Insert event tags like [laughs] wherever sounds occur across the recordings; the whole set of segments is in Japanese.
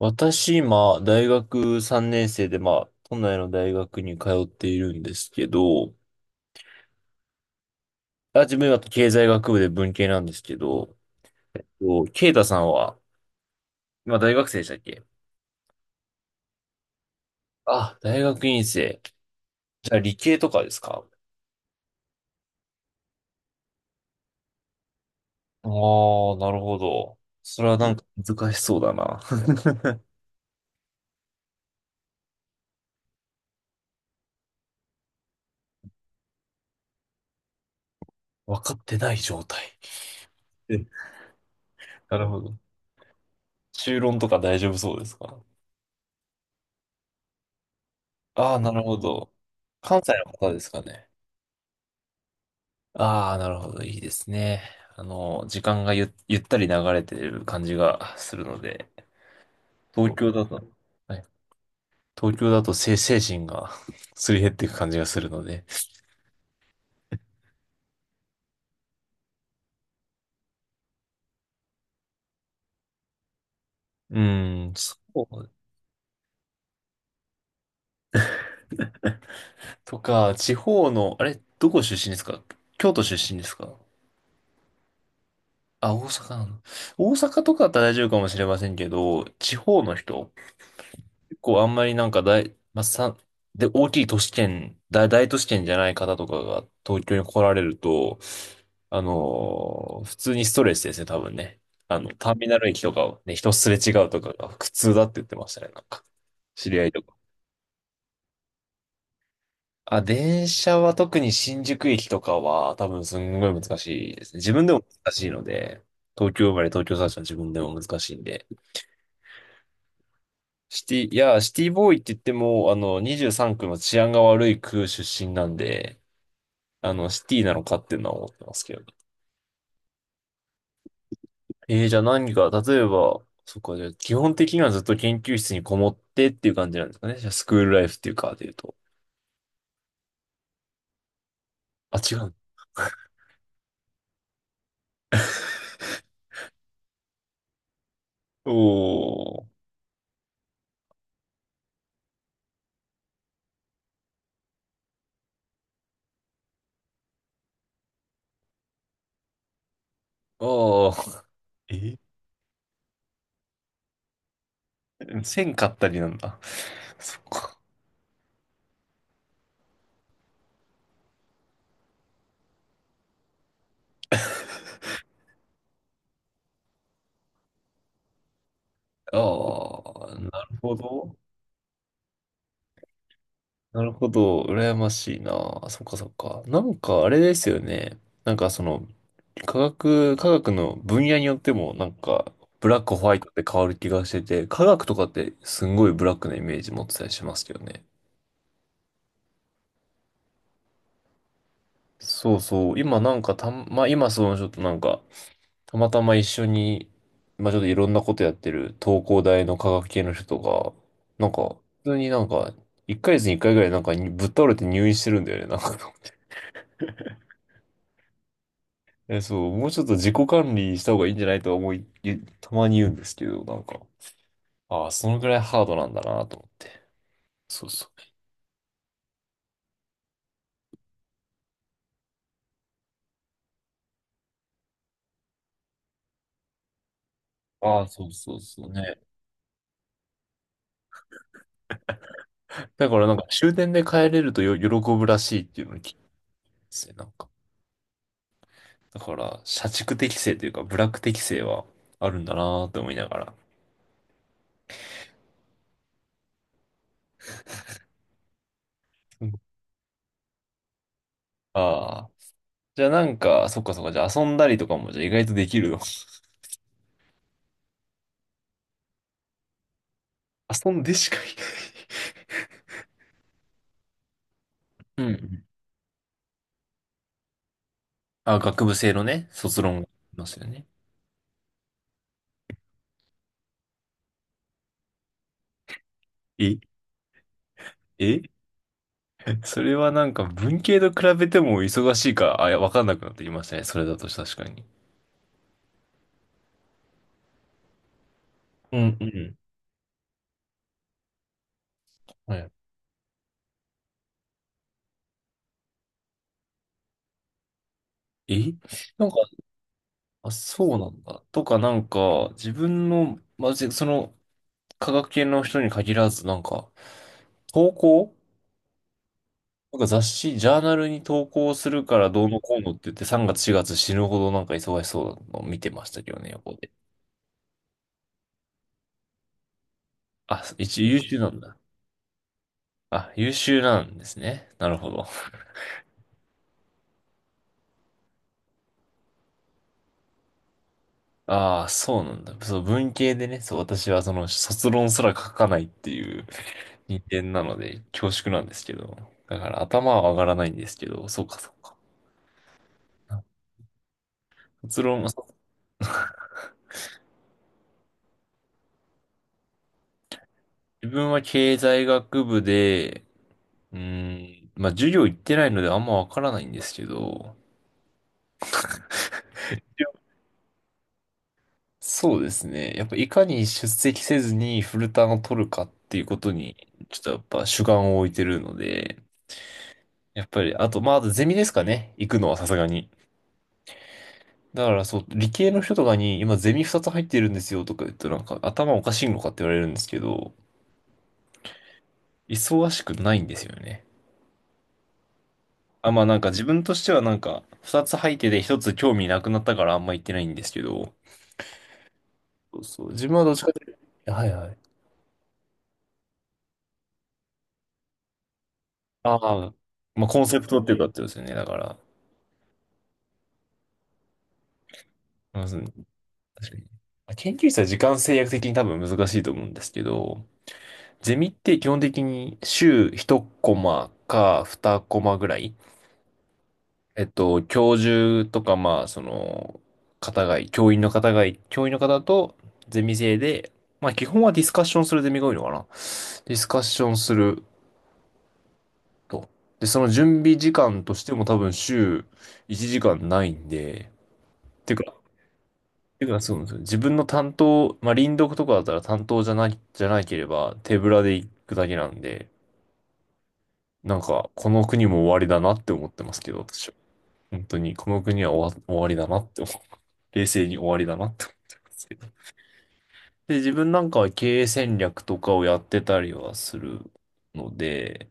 私、今、大学3年生で、まあ、都内の大学に通っているんですけど、あ、自分は経済学部で文系なんですけど、こうケイタさんは、今大学生でしたっけ？あ、大学院生。じゃあ理系とかですか？ああー、なるほど。それはなんか難しそうだな。[laughs] 分かってない状態。う、なるほど。[laughs] 修論とか大丈夫そうですか？ああー、なるほど。関西の方ですかね。ああ、なるほど。いいですね。時間がゆったり流れてる感じがするので、東京だと、はい、東京だと精神が [laughs] すり減っていく感じがするので。うーん、そう。とか、地方の、あれ、どこ出身ですか？京都出身ですか？あ、大阪なの。大阪とかだったら大丈夫かもしれませんけど、地方の人構あんまりなんかまあ、で、大きい都市圏、大都市圏じゃない方とかが東京に来られると、普通にストレスですね、多分ね。ターミナル駅とかをね、人すれ違うとかが苦痛だって言ってましたね、なんか。知り合いとか。あ、電車は特に新宿駅とかは多分すんごい難しいですね。自分でも難しいので、東京生まれ東京育ちの自分でも難しいんで。シティ、いや、シティボーイって言っても、23区の治安が悪い区出身なんで、シティなのかっていうのは思ってますけどね。じゃあ何か、例えば、そっか、じゃあ基本的にはずっと研究室にこもってっていう感じなんですかね。じゃあスクールライフっていうか、で言うと。あ、違う。おー、あー、え、線買ったりなんだ。[laughs] そっか。ああ、なるほど。なるほど。羨ましいな。そっかそっか。なんか、あれですよね。なんかその、科学の分野によってもなんか、ブラック、ホワイトって変わる気がしてて、科学とかってすんごいブラックなイメージ持ってたりしますけどね。そうそう。今なんかまあ今そのちょっとなんか、たまたま一緒に、まあちょっといろんなことやってる東工大の科学系の人が、なんか、普通になんか、1ヶ月に1回ぐらいなんかにぶっ倒れて入院してるんだよね、なんか。[laughs] え、そう、もうちょっと自己管理した方がいいんじゃないとは思い、たまに言うんですけど、なんか、ああ、そのぐらいハードなんだなと思って。そうそう。ああ、そうそうそうね。だからなんか終電で帰れるとよ喜ぶらしいっていうのを聞いてますね、なんか。だから、社畜適性というか、ブラック適性はあるんだなーって思いながら。ああー。じゃあなんか、そっかそっか、じゃあ遊んだりとかもじゃあ意外とできるの。[laughs] 遊んでしかいない、うんうん。あ、学部生のね、卒論がありますよね。え、え、それはなんか文系と比べても忙しいか、あ、いや、わかんなくなってきましたね。それだと確かに。うんうん。はい、え、なんか、あ、そうなんだ。とか、なんか、自分の、まあ、ぜその、科学系の人に限らず、なんか、投稿なんか雑誌、ジャーナルに投稿するからどうのこうのって言って、3月、4月死ぬほどなんか忙しそうなのを見てましたけどね、横で。あ、一応優秀なんだ。あ、優秀なんですね。なるほど。ああ、そうなんだ。そう、文系でね、そう、私はその、卒論すら書かないっていう [laughs] 人間なので、恐縮なんですけど。だから頭は上がらないんですけど、そうか、そうか。卒論、自分は経済学部で、うーん、まあ授業行ってないのであんまわからないんですけど、そうですね。やっぱいかに出席せずにフルターンを取るかっていうことに、ちょっとやっぱ主眼を置いてるので、やっぱり、あと、まあ、あとゼミですかね。行くのはさすがに。だからそう、理系の人とかに今ゼミ2つ入ってるんですよとか言うとなんか頭おかしいのかって言われるんですけど、忙しくないんですよね。あ、まあなんか自分としてはなんか、二つ入ってて一つ興味なくなったからあんま言ってないんですけど、そうそう、自分はどっちかというと、はいはい。ああ、まあコンセプトっていうかってことですよね、だから。まず、確かに。研究室は時間制約的に多分難しいと思うんですけど、ゼミって基本的に週1コマか2コマぐらい教授とか、まあ、その、方がい、教員の方がい、教員の方とゼミ生で、まあ、基本はディスカッションするゼミが多いのかな。ディスカッションすると。で、その準備時間としても多分週1時間ないんで、ていうか、ていうかそうなんですよ。自分の担当、まあ、輪読とかだったら担当じゃない、じゃなければ手ぶらで行くだけなんで、なんか、この国も終わりだなって思ってますけど、私は。本当に、この国は終わりだなって思う。冷静に終わりだなって思ってますけど。で、自分なんかは経営戦略とかをやってたりはするので、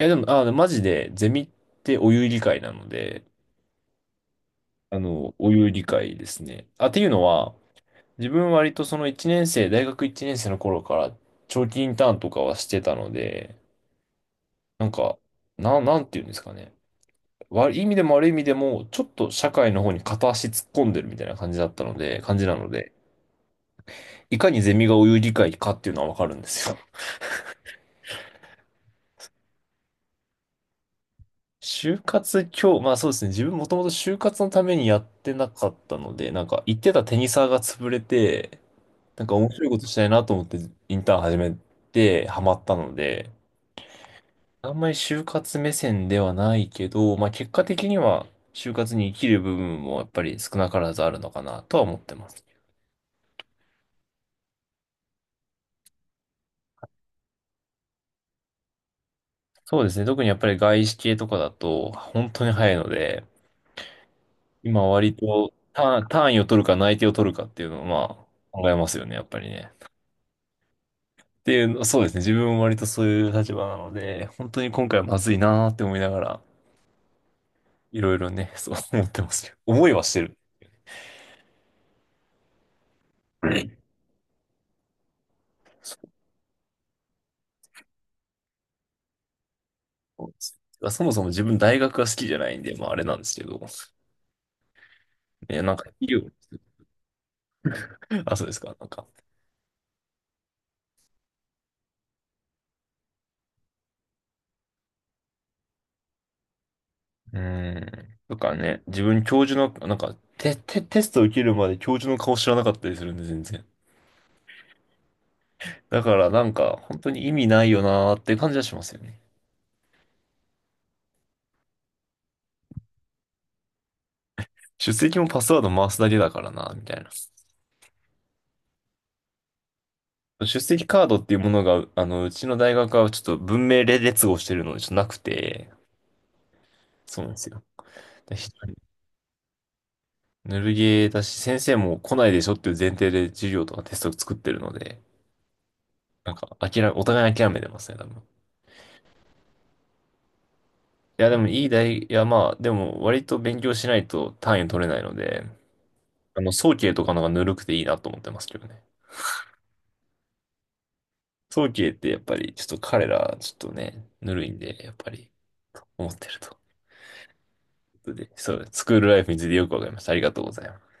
いやでも、あ、マジで、ゼミってお湯理解なので、お湯理解ですね。あ、っていうのは、自分割とその1年生、大学1年生の頃から長期インターンとかはしてたので、なんか、なんていうんですかね。悪い意味でも悪い意味でも、ちょっと社会の方に片足突っ込んでるみたいな感じなので、いかにゼミがお湯理解かっていうのはわかるんですよ。就活今日、まあそうですね。自分もともと就活のためにやってなかったので、なんか行ってたテニサーが潰れて、なんか面白いことしたいなと思ってインターン始めてハマったので、あんまり就活目線ではないけど、まあ結果的には就活に生きる部分もやっぱり少なからずあるのかなとは思ってます。そうですね。特にやっぱり外資系とかだと本当に早いので、今割と単位を取るか内定を取るかっていうのをまあ考えますよね、やっぱりね。っていうの、そうですね。自分も割とそういう立場なので、本当に今回はまずいなーって思いながら、いろいろね、そう思ってますけど。思いはしてる。うん、そうですね。そもそも自分大学が好きじゃないんで、まああれなんですけど、ね、なんか医療、あ、そうですか、なんか。うーん。とかね、自分教授の、なんか、テスト受けるまで教授の顔知らなかったりするんで、全然。だからなんか、本当に意味ないよなーって感じはしますよね。出席もパスワード回すだけだからな、みたいな。出席カードっていうものが、うちの大学はちょっと文明列号してるので、ちょっとなくて、そうなんですよ。でぬるゲーだし、先生も来ないでしょっていう前提で授業とかテストを作ってるので、なんか、お互い諦めてますね、多分。いや、でもいや、まあ、でも割と勉強しないと単位取れないので、早慶とかの方がぬるくていいなと思ってますけどね。早慶ってやっぱり、ちょっと彼ら、ちょっとね、ぬるいんで、やっぱり、思ってると。いうことで、そう、スクールライフについてよくわかりました。ありがとうございます。